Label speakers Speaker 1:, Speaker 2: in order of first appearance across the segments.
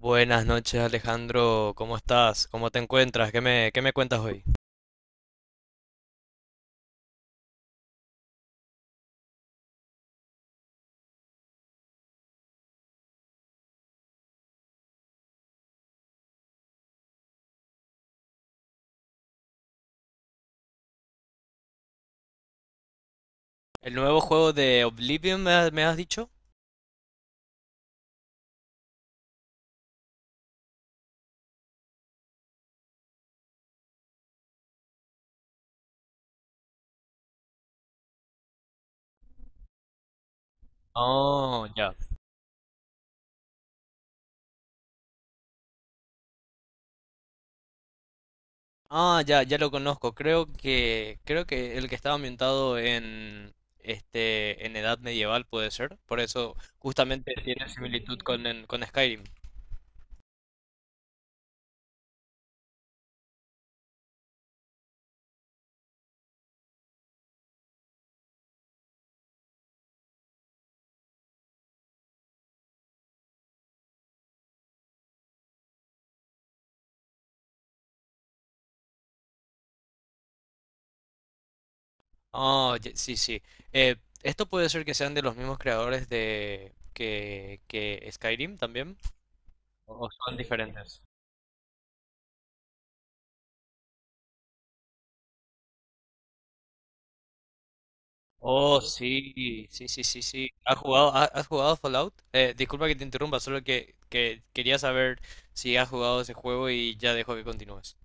Speaker 1: Buenas noches, Alejandro, ¿cómo estás? ¿Cómo te encuentras? ¿Qué me cuentas hoy? ¿El nuevo juego de Oblivion me has dicho? Oh, ya. Ah, ya, ya lo conozco. Creo que el que estaba ambientado en edad medieval puede ser. Por eso justamente tiene similitud con Skyrim. Oh, ya, sí, sí. Eh, Esto puede ser que sean de los mismos creadores que Skyrim también. ¿O son diferentes? Oh, sí, sí, sí, sí, sí. ¿Has has jugado Fallout? Disculpa que te interrumpa, solo que quería saber si has jugado ese juego y ya dejo que continúes.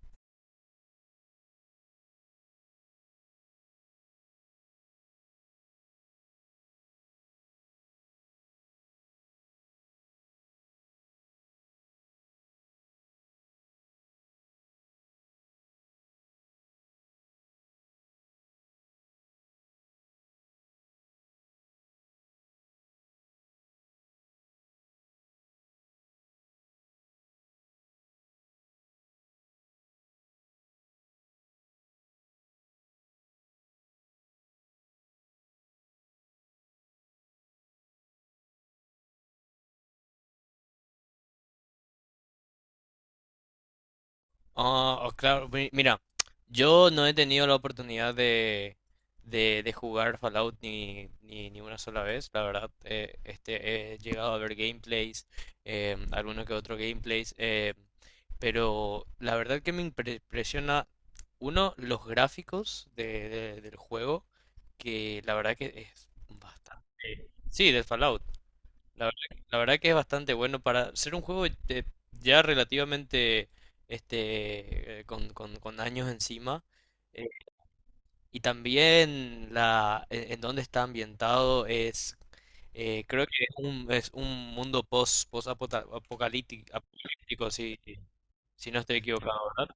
Speaker 1: Ah, oh, claro, mira, yo no he tenido la oportunidad de jugar Fallout ni una sola vez, la verdad. He llegado a ver gameplays, alguno que otro gameplays. Pero la verdad que me impresiona, uno, los gráficos del juego, que la verdad que es bastante... Sí, del Fallout. La verdad que es bastante bueno para ser un juego de ya relativamente con años encima. eh, y también en dónde está ambientado es, creo que es es un mundo post apocalíptico, apocalíptico, si si no estoy equivocado, ¿verdad?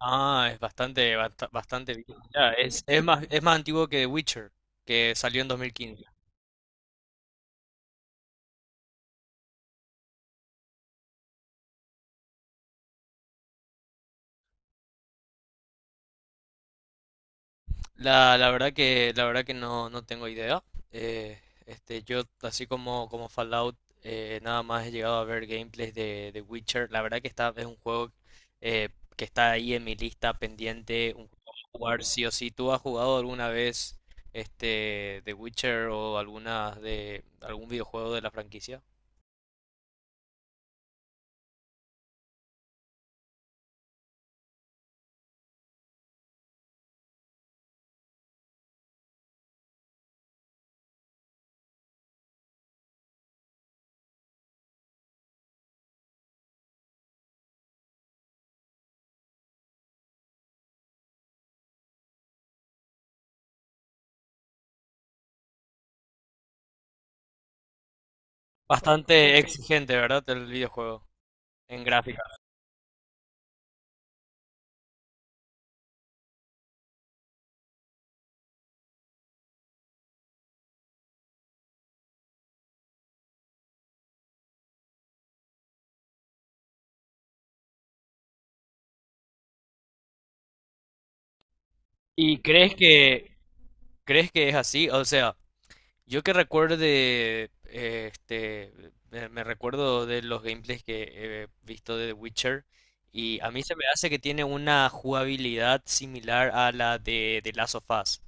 Speaker 1: Ah, es bastante bastante bien. Ya, es más antiguo que The Witcher, que salió en 2015. La verdad que no, no tengo idea. Eh, yo, así como, como Fallout, nada más he llegado a ver gameplays de Witcher. La verdad que está, es un juego, eh, que está ahí en mi lista pendiente. Un juego a jugar sí o sí. ¿Tú has jugado alguna vez The Witcher o alguna de algún videojuego de la franquicia? Bastante exigente, ¿verdad? El videojuego en gráfica. ¿Y crees que es así? O sea, yo que recuerdo de, este, me me recuerdo de los gameplays que he visto de The Witcher, y a mí se me hace que tiene una jugabilidad similar a la de Last of Us,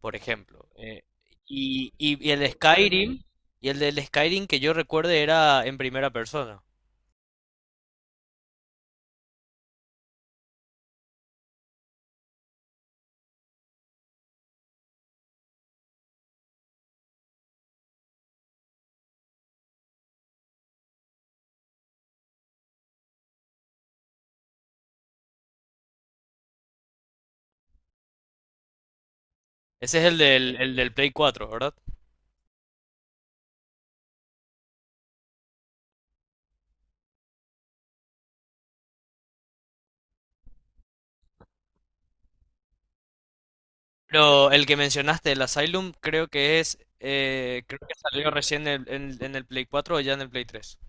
Speaker 1: por ejemplo. Y el de Skyrim, y el del Skyrim que yo recuerde era en primera persona. Ese es el del Play 4, ¿verdad? Pero el que mencionaste, el Asylum, creo que es, creo que salió recién en el Play 4 o ya en el Play 3.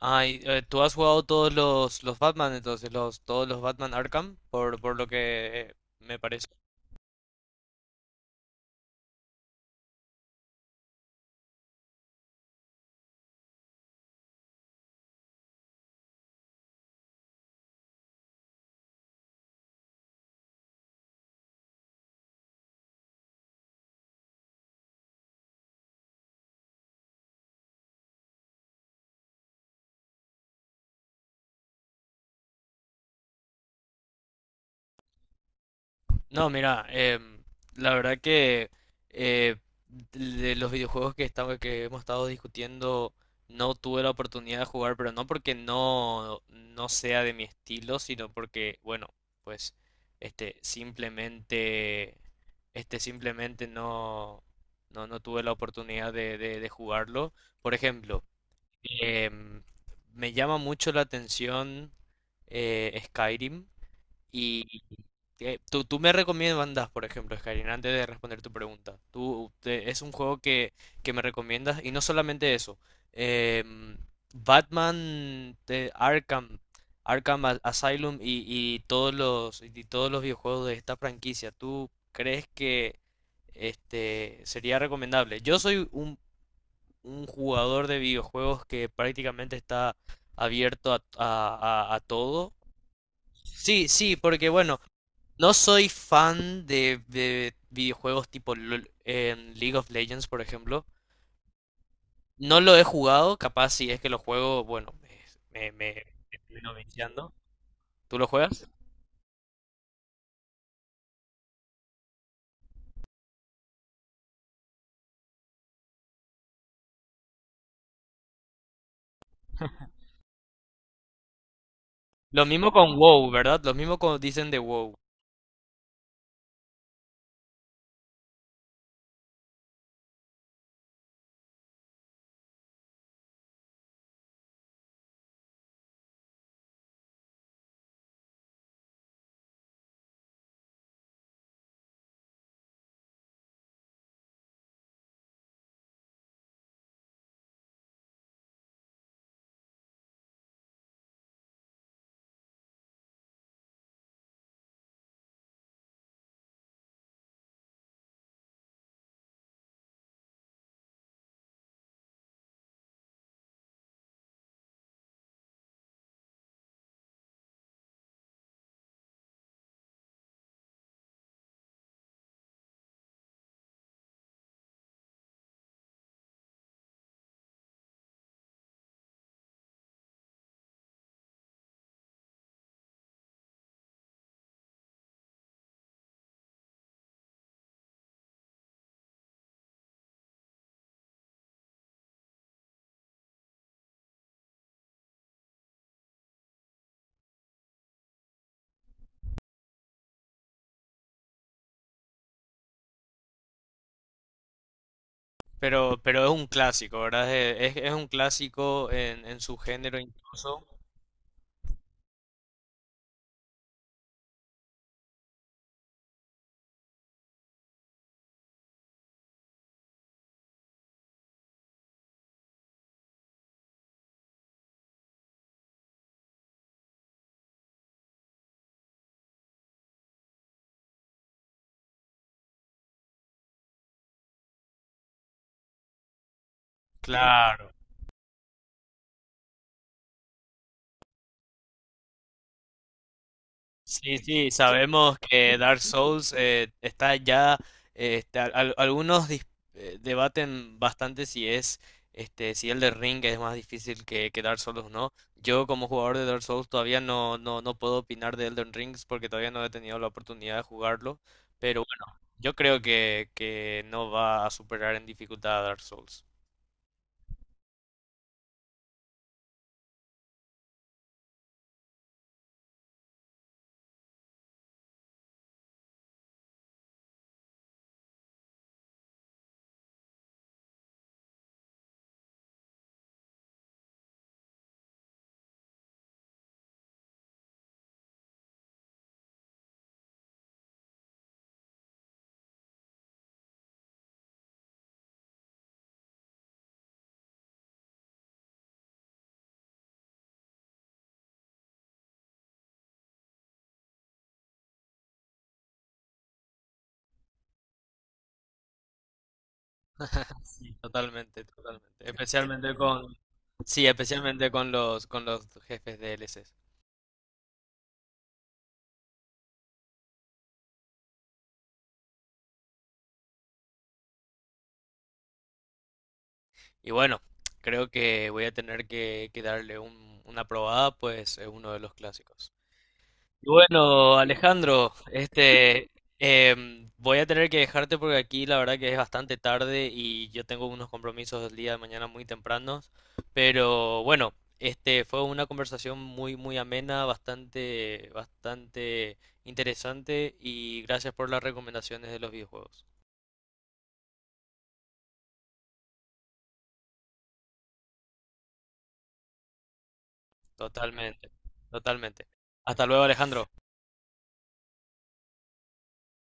Speaker 1: Ay, ¿tú has jugado todos los Batman entonces, los, todos los Batman Arkham? Por lo que eh, me parece. No, mira, la verdad que, eh, de los videojuegos que hemos estado discutiendo, no tuve la oportunidad de jugar, pero no porque no sea de mi estilo, sino porque, bueno, pues este simplemente, este simplemente no tuve la oportunidad de de jugarlo. Por ejemplo. Em, Me llama mucho la atención, Skyrim, y, tú, tú me recomiendas, por ejemplo, Skyrim, antes de responder tu pregunta. Es un juego que me recomiendas, y no solamente eso. em, Batman de Arkham, Arkham Asylum, y todos los, y todos los videojuegos de esta franquicia. ¿Tú crees que este sería recomendable? Yo soy un jugador de videojuegos que prácticamente está abierto a todo. Sí, sí, porque bueno, no soy fan de videojuegos tipo LOL, en League of Legends, por ejemplo. No lo he jugado, capaz si es que lo juego, bueno, me termino viciando. ¿Tú lo juegas? Lo mismo con WoW, ¿verdad? Lo mismo como dicen de WoW. Pero es un clásico, ¿verdad? Es un clásico en su género. Claro. Sí, sí, sabemos que Dark Souls, está ya, algunos debaten bastante si es, si el de Ring es más difícil que Dark Souls, ¿o no? Yo, como jugador de Dark Souls, todavía no puedo opinar de Elden Rings, porque todavía no he tenido la oportunidad de jugarlo, pero bueno, yo creo que no va a superar en dificultad a Dark Souls. Sí, totalmente, totalmente. Especialmente con, sí, especialmente con los jefes DLCs. Y bueno, creo que voy a tener que darle una probada, pues es uno de los clásicos. Y bueno, Alejandro, voy a tener que dejarte porque aquí la verdad que es bastante tarde y yo tengo unos compromisos el día de mañana muy tempranos. Pero bueno, fue una conversación muy, muy amena, bastante, bastante interesante, y gracias por las recomendaciones de los videojuegos. Totalmente, totalmente. Hasta luego, Alejandro.